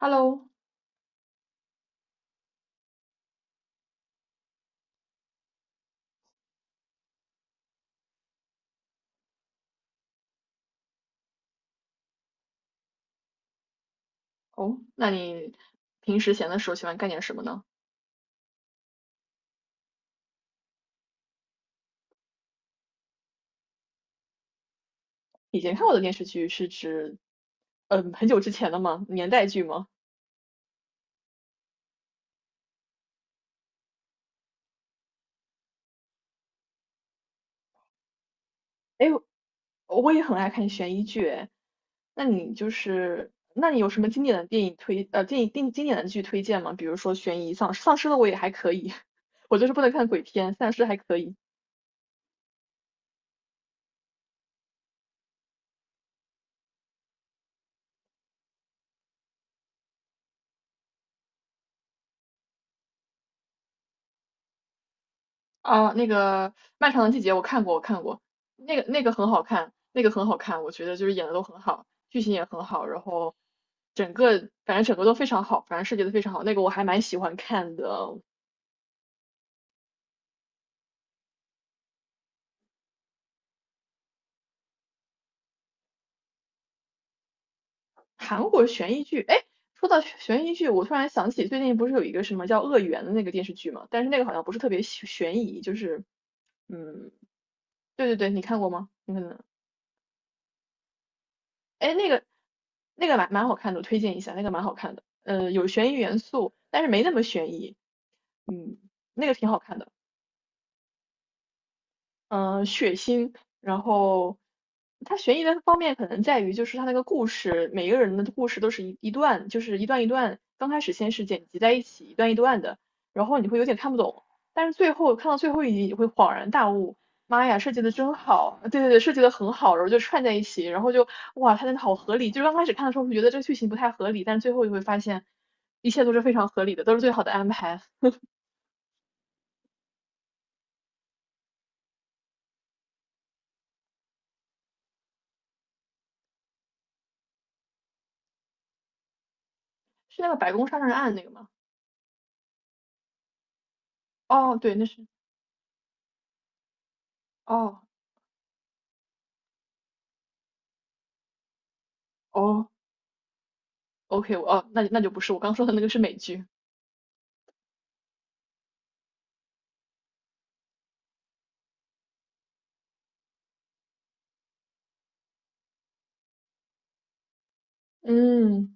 Hello。哦，那你平时闲的时候喜欢干点什么呢？以前看过的电视剧是指，嗯，很久之前的吗？年代剧吗？哎，我也很爱看悬疑剧，哎，那你有什么经典的电影推，呃，电影定经典的剧推荐吗？比如说悬疑丧尸，丧尸的我也还可以，我就是不能看鬼片，丧尸还可以。啊，那个《漫长的季节》我看过,那个很好看，那个很好看，我觉得就是演的都很好，剧情也很好，然后整个反正整个都非常好，反正设计的非常好，那个我还蛮喜欢看的韩国悬疑剧。哎，说到悬疑剧，我突然想起最近不是有一个什么叫《恶缘》的那个电视剧嘛，但是那个好像不是特别悬疑，就是嗯，对对对，你看过吗？你可能。哎，那个蛮好看的，我推荐一下，那个蛮好看的，呃，有悬疑元素，但是没那么悬疑，嗯，那个挺好看的。血腥，然后它悬疑的方面可能在于就是它那个故事，每个人的故事都是一段，就是一段一段，刚开始先是剪辑在一起，一段一段的，然后你会有点看不懂，但是最后看到最后一集，你会恍然大悟，妈呀，设计的真好，对对对，设计的很好，然后就串在一起，然后就哇，它真的好合理，就是刚开始看的时候会觉得这个剧情不太合理，但是最后就会发现一切都是非常合理的，都是最好的安排，是那个白宫杀人案那个吗？哦，对，那是，哦哦。OK,我哦，那那就不是我刚说的那个是美剧。嗯，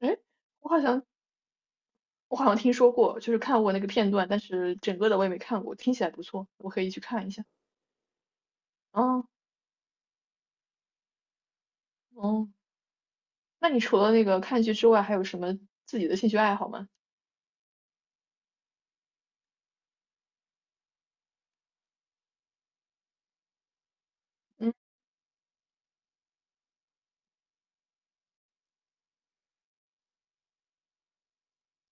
哎，我好像我好像听说过，就是看过那个片段，但是整个的我也没看过，听起来不错，我可以去看一下。哦哦，那你除了那个看剧之外，还有什么自己的兴趣爱好吗？嗯，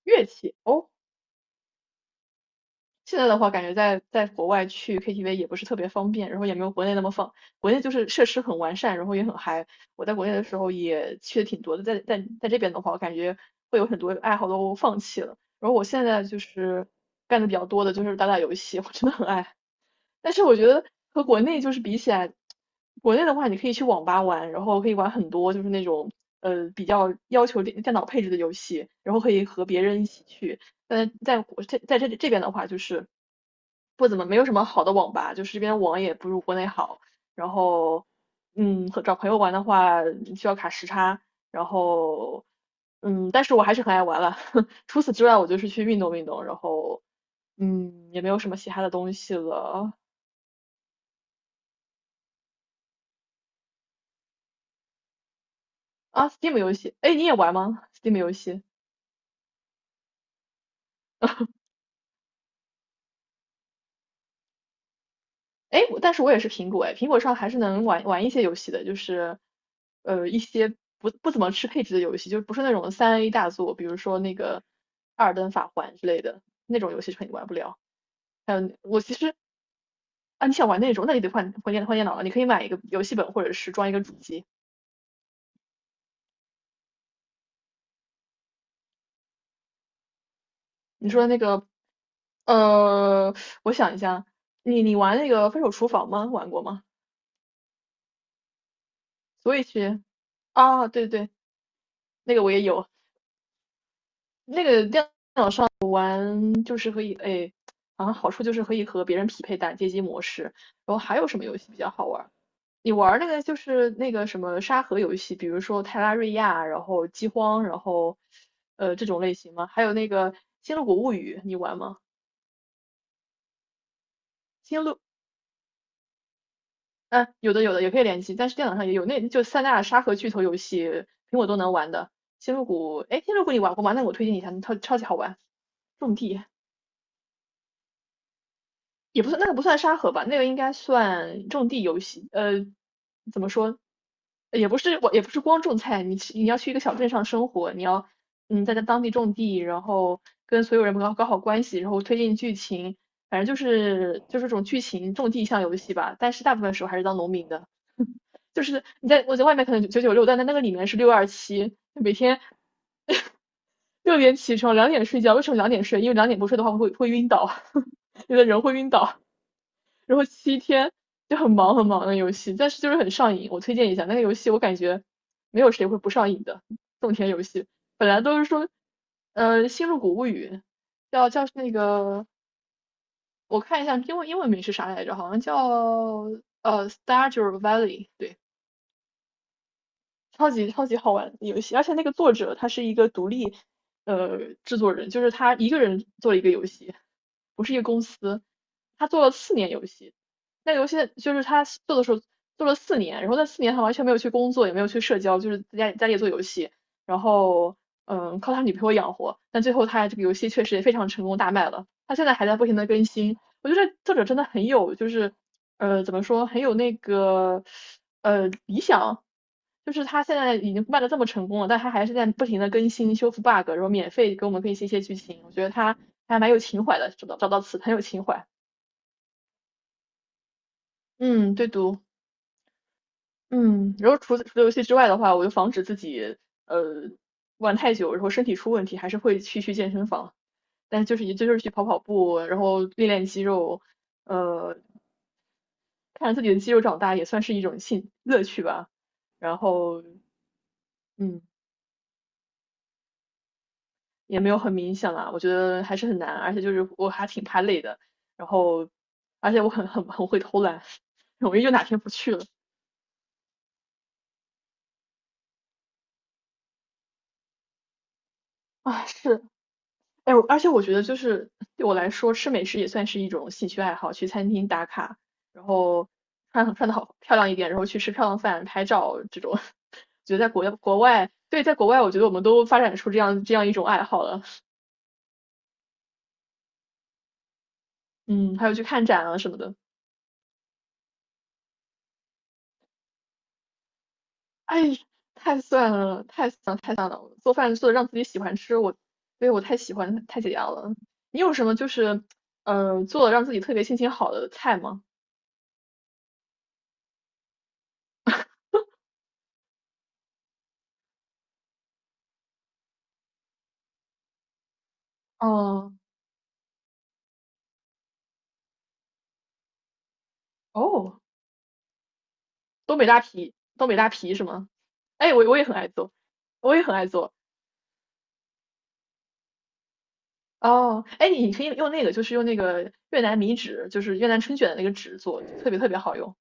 乐器哦，现在的话，感觉在国外去 KTV 也不是特别方便，然后也没有国内那么放。国内就是设施很完善，然后也很嗨。我在国内的时候也去的挺多的，在这边的话，我感觉会有很多爱好都放弃了。然后我现在就是干的比较多的就是打打游戏，我真的很爱但是我觉得和国内就是比起来，国内的话你可以去网吧玩，然后可以玩很多就是那种比较要求电脑配置的游戏，然后可以和别人一起去。但在国在在这这边的话，就是不怎么没有什么好的网吧，就是这边网也不如国内好。然后嗯，和找朋友玩的话需要卡时差，然后嗯，但是我还是很爱玩了。除此之外，我就是去运动运动，然后。嗯，也没有什么其他的东西了。啊，Steam 游戏，哎，你也玩吗？Steam 游戏，哎，我但是我也是苹果，哎，苹果上还是能玩一些游戏的，就是一些不怎么吃配置的游戏，就是不是那种三 A 大作，比如说那个《二尔登法环》之类的那种游戏肯定玩不了。还有我其实啊，你想玩那种，那你得换电脑了，你可以买一个游戏本或者是装一个主机。你说的那个呃，我想一下，你玩那个《分手厨房》吗？玩过吗？所以去啊，对对，那个我也有。那个电嗯就是可以，哎，好像好处就是可以和别人匹配打街机模式。然后还有什么游戏比较好玩儿？你玩儿那个什么沙盒游戏，比如说泰拉瑞亚，然后饥荒，然后这种类型吗？还有那个《星露谷物语》，你玩吗？星露，嗯、有的也可以联机，但是电脑上也有，那就三大沙盒巨头游戏，苹果都能玩的。星露谷，哎，星露谷你玩过吗？那我推荐一下，超超级好玩，种地。也不算那个不算沙盒吧，那个应该算种地游戏。呃，怎么说？也不是我，也不是光种菜，你要去一个小镇上生活，你要嗯在当地种地，然后跟所有人搞搞好关系，然后推进剧情，反正就是就是这种剧情种地向游戏吧。但是大部分时候还是当农民的，就是你在我在外面可能九九六，但在那个里面是六二七，每天六点起床，两点睡觉。为什么两点睡？因为两点不睡的话会晕倒，有的人会晕倒。然后七天就很忙很忙的游戏，但是就是很上瘾。我推荐一下那个游戏，我感觉没有谁会不上瘾的。种田游戏本来都是说，呃，《星露谷物语》叫叫那个，我看一下英文名是啥来着，好像叫《Stardew Valley》,对，超级超级好玩的游戏，而且那个作者他是一个独立呃制作人，就是他一个人做了一个游戏，不是一个公司，他做了四年游戏，那游戏就是他做的时候做了四年，然后那四年他完全没有去工作，也没有去社交，就是在家里做游戏，然后嗯靠他女朋友养活，但最后他这个游戏确实也非常成功大卖了，他现在还在不停的更新，我觉得这作者真的很有就是怎么说，很有那个理想，就是他现在已经卖的这么成功了，但他还是在不停的更新修复 bug,然后免费给我们更新一些剧情，我觉得他还蛮有情怀的，找到找到词很有情怀。嗯，对读，嗯，然后除了游戏之外的话，我就防止自己呃玩太久，然后身体出问题，还是会去健身房，但是就是也就是去跑跑步，然后练练肌肉，呃，看着自己的肌肉长大也算是一种兴乐趣吧。然后嗯，也没有很明显啦，我觉得还是很难，而且就是我还挺怕累的，然后而且我很会偷懒，容易就哪天不去了。啊，是，哎，我而且我觉得就是对我来说，吃美食也算是一种兴趣爱好，去餐厅打卡，然后穿的好漂亮一点，然后去吃漂亮饭、拍照这种。觉得在国国外，对，在国外，我觉得我们都发展出这样一种爱好了。嗯，还有去看展啊什么的。哎，太算了，太算了，太算了！做饭做的让自己喜欢吃，我，对，我太喜欢，太解压了。你有什么就是，呃，做的让自己特别心情好的菜吗？哦，哦，东北大皮，东北大皮是吗？哎，我也很爱做，我也很爱做。哦，哎，你可以用那个，就是用那个越南米纸，就是越南春卷的那个纸做，特别特别好用。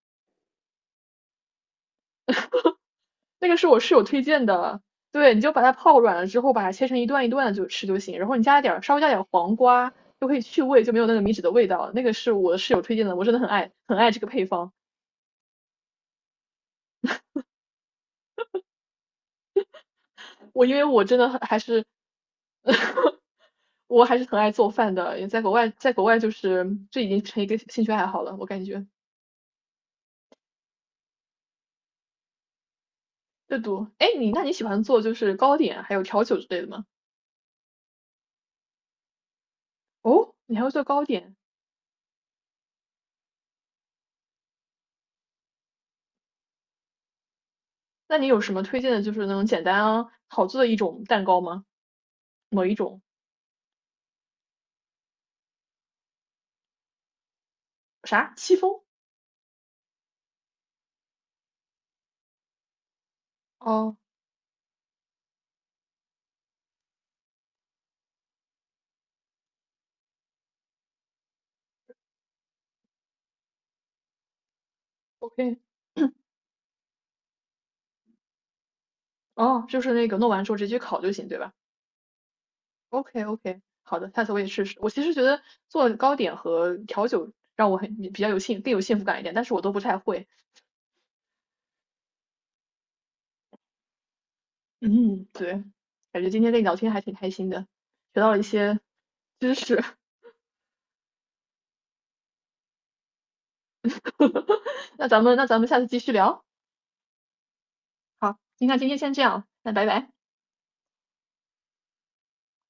那个是我室友推荐的，对，你就把它泡软了之后，把它切成一段一段的就吃就行，然后你加一点儿稍微加点儿黄瓜，就可以去味，就没有那个米脂的味道了。那个是我室友推荐的，我真的很爱很爱这个配方。我因为我真的很还是，我还是很爱做饭的，也在国外，在国外就是这已经成一个兴趣爱好了，我感觉阅读。哎，你那你喜欢做就是糕点还有调酒之类的吗？哦，你还会做糕点？那你有什么推荐的，就是那种简单啊好做的一种蛋糕吗？某一种？啥？戚风？哦，OK,哦，就是那个弄完之后直接去烤就行，对吧？OK OK,好的，下次我也试试。我其实觉得做糕点和调酒让我比较有幸福感一点，但是我都不太会。嗯，对，感觉今天跟你聊天还挺开心的，学到了一些知识。那咱们下次继续聊。好，那今天先这样，那拜拜。